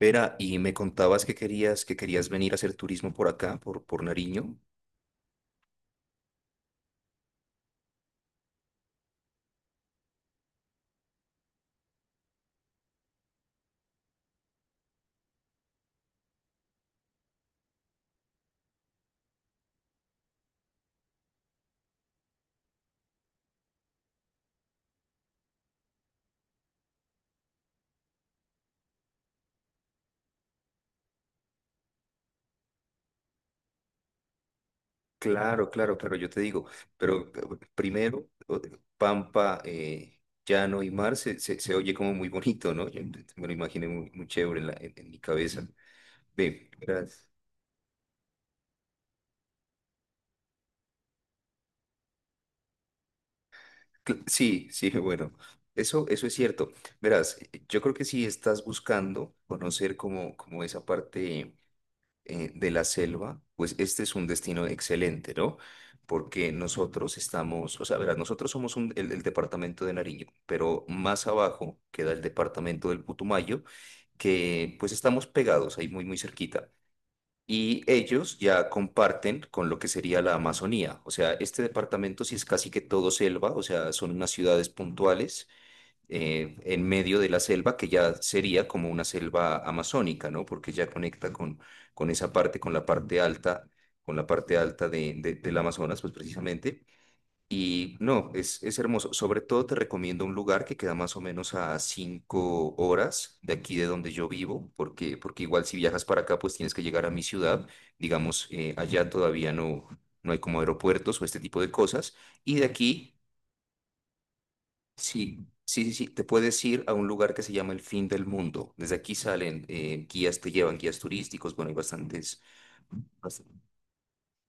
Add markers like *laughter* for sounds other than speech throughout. Vera, y me contabas que querías venir a hacer turismo por acá, por Nariño. Claro, claro, claro, yo te digo, pero primero, Pampa, Llano y Mar se oye como muy bonito, ¿no? Yo me lo imaginé muy, muy chévere en, en mi cabeza. Verás. Sí, sí, *laughs* bueno, eso es cierto. Verás, yo creo que si estás buscando conocer como esa parte de la selva, pues este es un destino excelente, ¿no? Porque nosotros estamos, o sea, verás, nosotros somos el departamento de Nariño, pero más abajo queda el departamento del Putumayo, que pues estamos pegados ahí muy, muy cerquita. Y ellos ya comparten con lo que sería la Amazonía. O sea, este departamento sí es casi que todo selva, o sea, son unas ciudades puntuales en medio de la selva, que ya sería como una selva amazónica, ¿no? Porque ya conecta con esa parte, con la parte alta, con la parte alta del Amazonas, pues precisamente. Y no, es hermoso. Sobre todo te recomiendo un lugar que queda más o menos a 5 horas de aquí de donde yo vivo, porque, porque igual si viajas para acá, pues tienes que llegar a mi ciudad. Digamos, allá todavía no, no hay como aeropuertos o este tipo de cosas. Y de aquí, sí, sí, sí, sí. Te puedes ir a un lugar que se llama el fin del mundo. Desde aquí salen guías, te llevan guías turísticos. Bueno, hay bastantes.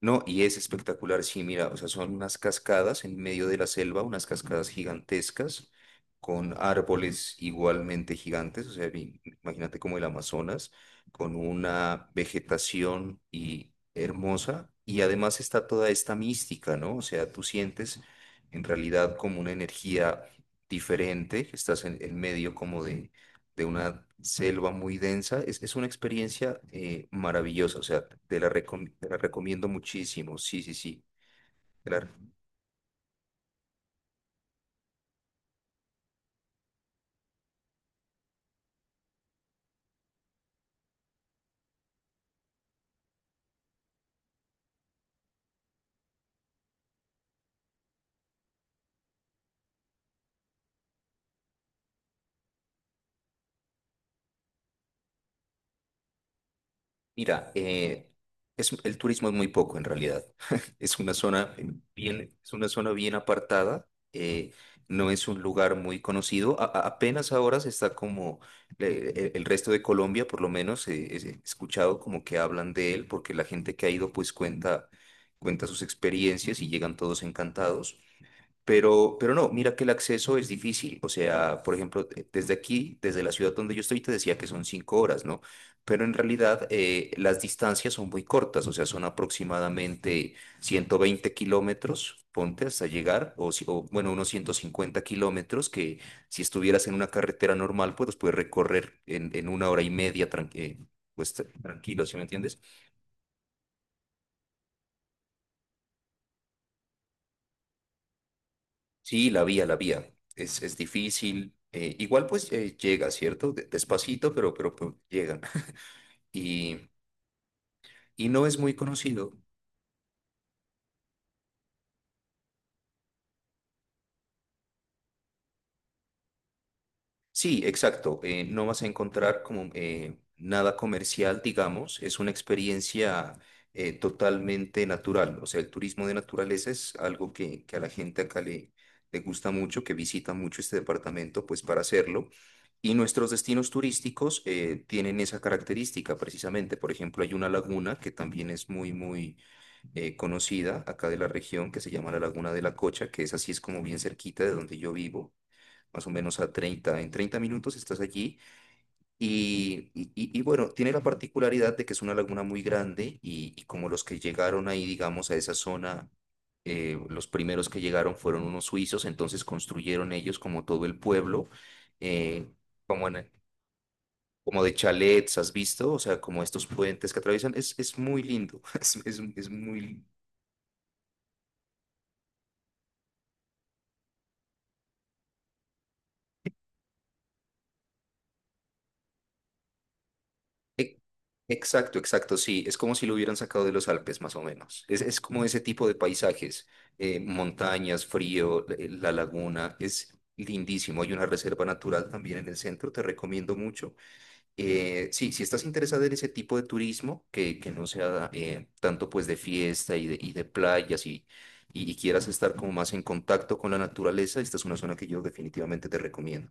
No, y es espectacular, sí, mira, o sea, son unas cascadas en medio de la selva, unas cascadas gigantescas, con árboles igualmente gigantes, o sea, imagínate como el Amazonas, con una vegetación y hermosa, y además está toda esta mística, ¿no? O sea, tú sientes en realidad como una energía diferente, estás en medio como de una selva muy densa. Es una experiencia maravillosa, o sea, te la, te la recomiendo muchísimo. Sí, sí, sí. te la- Mira, es, el turismo es muy poco en realidad. *laughs* Es una zona bien, es una zona bien apartada. No es un lugar muy conocido. Apenas ahora se está como el resto de Colombia, por lo menos, he escuchado como que hablan de él, porque la gente que ha ido pues cuenta, cuenta sus experiencias y llegan todos encantados. Pero no, mira que el acceso es difícil. O sea, por ejemplo, desde aquí, desde la ciudad donde yo estoy, te decía que son 5 horas, ¿no? Pero en realidad las distancias son muy cortas, o sea, son aproximadamente 120 kilómetros, ponte hasta llegar, o, si- o, bueno, unos 150 kilómetros que si estuvieras en una carretera normal, pues los puedes recorrer en una hora y media, pues tranquilo, ¿sí me entiendes? Sí, la vía, la vía. Es difícil. Igual pues llega, ¿cierto? Despacito, pero pues, llegan. *laughs* Y, y no es muy conocido. Sí, exacto. No vas a encontrar como nada comercial, digamos. Es una experiencia totalmente natural. O sea, el turismo de naturaleza es algo que a la gente acá le, le gusta mucho, que visita mucho este departamento, pues para hacerlo. Y nuestros destinos turísticos tienen esa característica precisamente. Por ejemplo, hay una laguna que también es muy, muy conocida acá de la región, que se llama la Laguna de la Cocha, que es así, es como bien cerquita de donde yo vivo, más o menos a 30, en 30 minutos estás allí y bueno, tiene la particularidad de que es una laguna muy grande y como los que llegaron ahí, digamos, a esa zona, los primeros que llegaron fueron unos suizos, entonces construyeron ellos como todo el pueblo, eh, como en- como de chalets, ¿has visto? O sea, como estos puentes que atraviesan, es muy lindo, *laughs* es muy lindo. E- Exacto, exacto, sí. Es como si lo hubieran sacado de los Alpes, más o menos. Es como ese tipo de paisajes, montañas, frío, la laguna, es lindísimo. Hay una reserva natural también en el centro, te recomiendo mucho. Sí, si estás interesada en ese tipo de turismo, que no sea tanto pues de fiesta y de playas y quieras estar como más en contacto con la naturaleza, esta es una zona que yo definitivamente te recomiendo.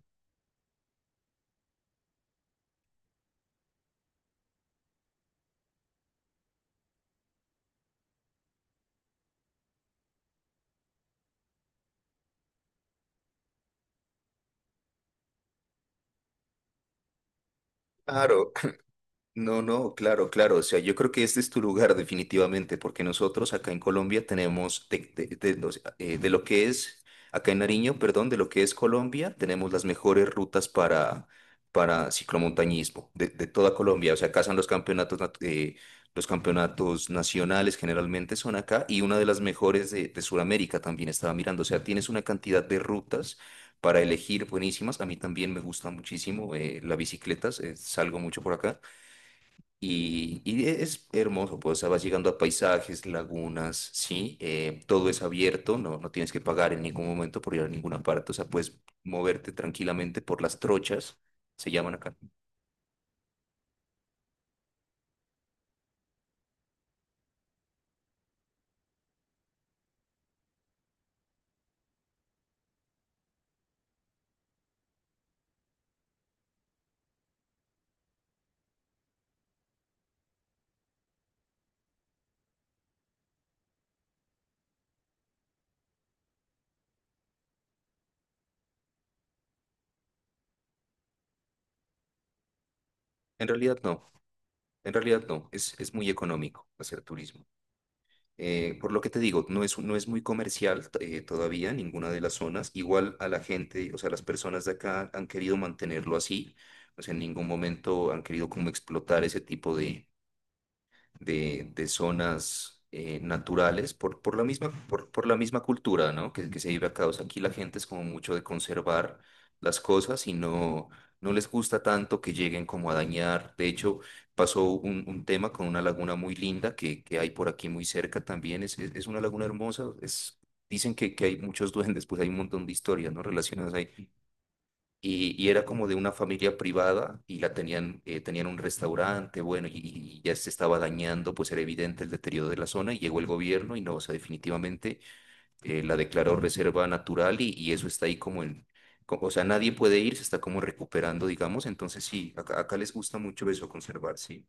Claro, no, no, claro, claro. O sea, yo creo que este es tu lugar definitivamente, porque nosotros acá en Colombia tenemos, de lo que es, acá en Nariño, perdón, de lo que es Colombia, tenemos las mejores rutas para ciclomontañismo de toda Colombia. O sea, acá son los campeonatos, los campeonatos nacionales generalmente son acá y una de las mejores de Sudamérica también estaba mirando. O sea, tienes una cantidad de rutas para elegir buenísimas. A mí también me gusta muchísimo la bicicleta, salgo mucho por acá. Es hermoso, pues, o sea, vas llegando a paisajes, lagunas, ¿sí? Todo es abierto, no, no tienes que pagar en ningún momento por ir a ninguna parte, o sea, puedes moverte tranquilamente por las trochas, se llaman acá. En realidad no, en realidad no, es muy económico hacer turismo. Por lo que te digo, no es, no es muy comercial todavía ninguna de las zonas, igual a la gente, o sea, las personas de acá han querido mantenerlo así, o sea, en ningún momento han querido como explotar ese tipo de zonas naturales por la misma cultura, ¿no? Que se vive acá. O sea, aquí la gente es como mucho de conservar las cosas y no, no les gusta tanto que lleguen como a dañar. De hecho, pasó un tema con una laguna muy linda que hay por aquí muy cerca también. Es una laguna hermosa. Es, dicen que hay muchos duendes, pues hay un montón de historias, ¿no? Relacionadas ahí. Y era como de una familia privada y la tenían, tenían un restaurante, bueno, y ya se estaba dañando, pues era evidente el deterioro de la zona y llegó el gobierno y no, o sea, definitivamente la declaró reserva natural y eso está ahí como en, o sea, nadie puede ir, se está como recuperando, digamos, entonces sí, acá, acá les gusta mucho eso, conservar, sí.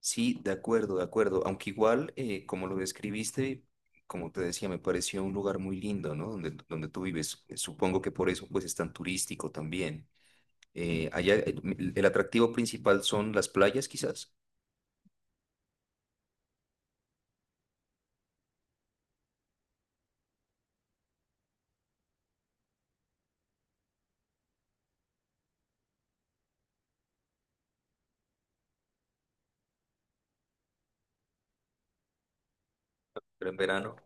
Sí, de acuerdo, aunque igual, como lo describiste, como te decía, me pareció un lugar muy lindo, ¿no? Donde, donde tú vives, supongo que por eso pues es tan turístico también. Allá el atractivo principal son las playas, quizás, pero en verano.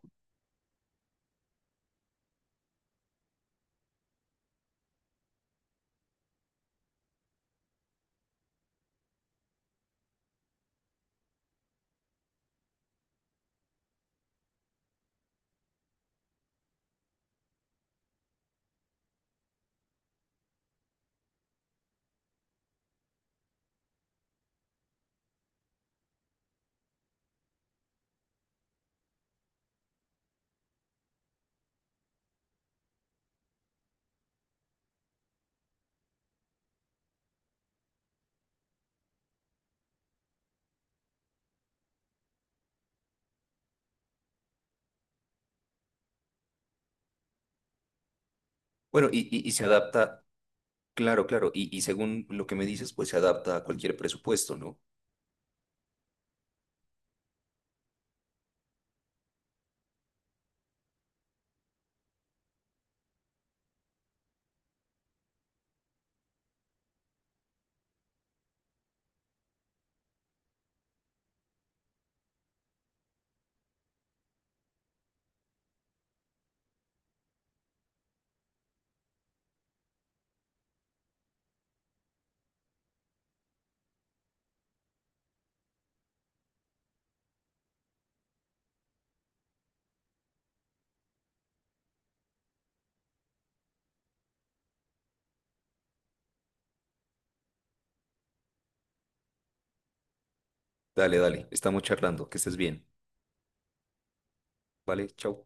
Bueno, y se adapta, claro, claro, y según lo que me dices, pues se adapta a cualquier presupuesto, ¿no? Dale, dale, estamos charlando, que estés bien, ¿vale? Chau.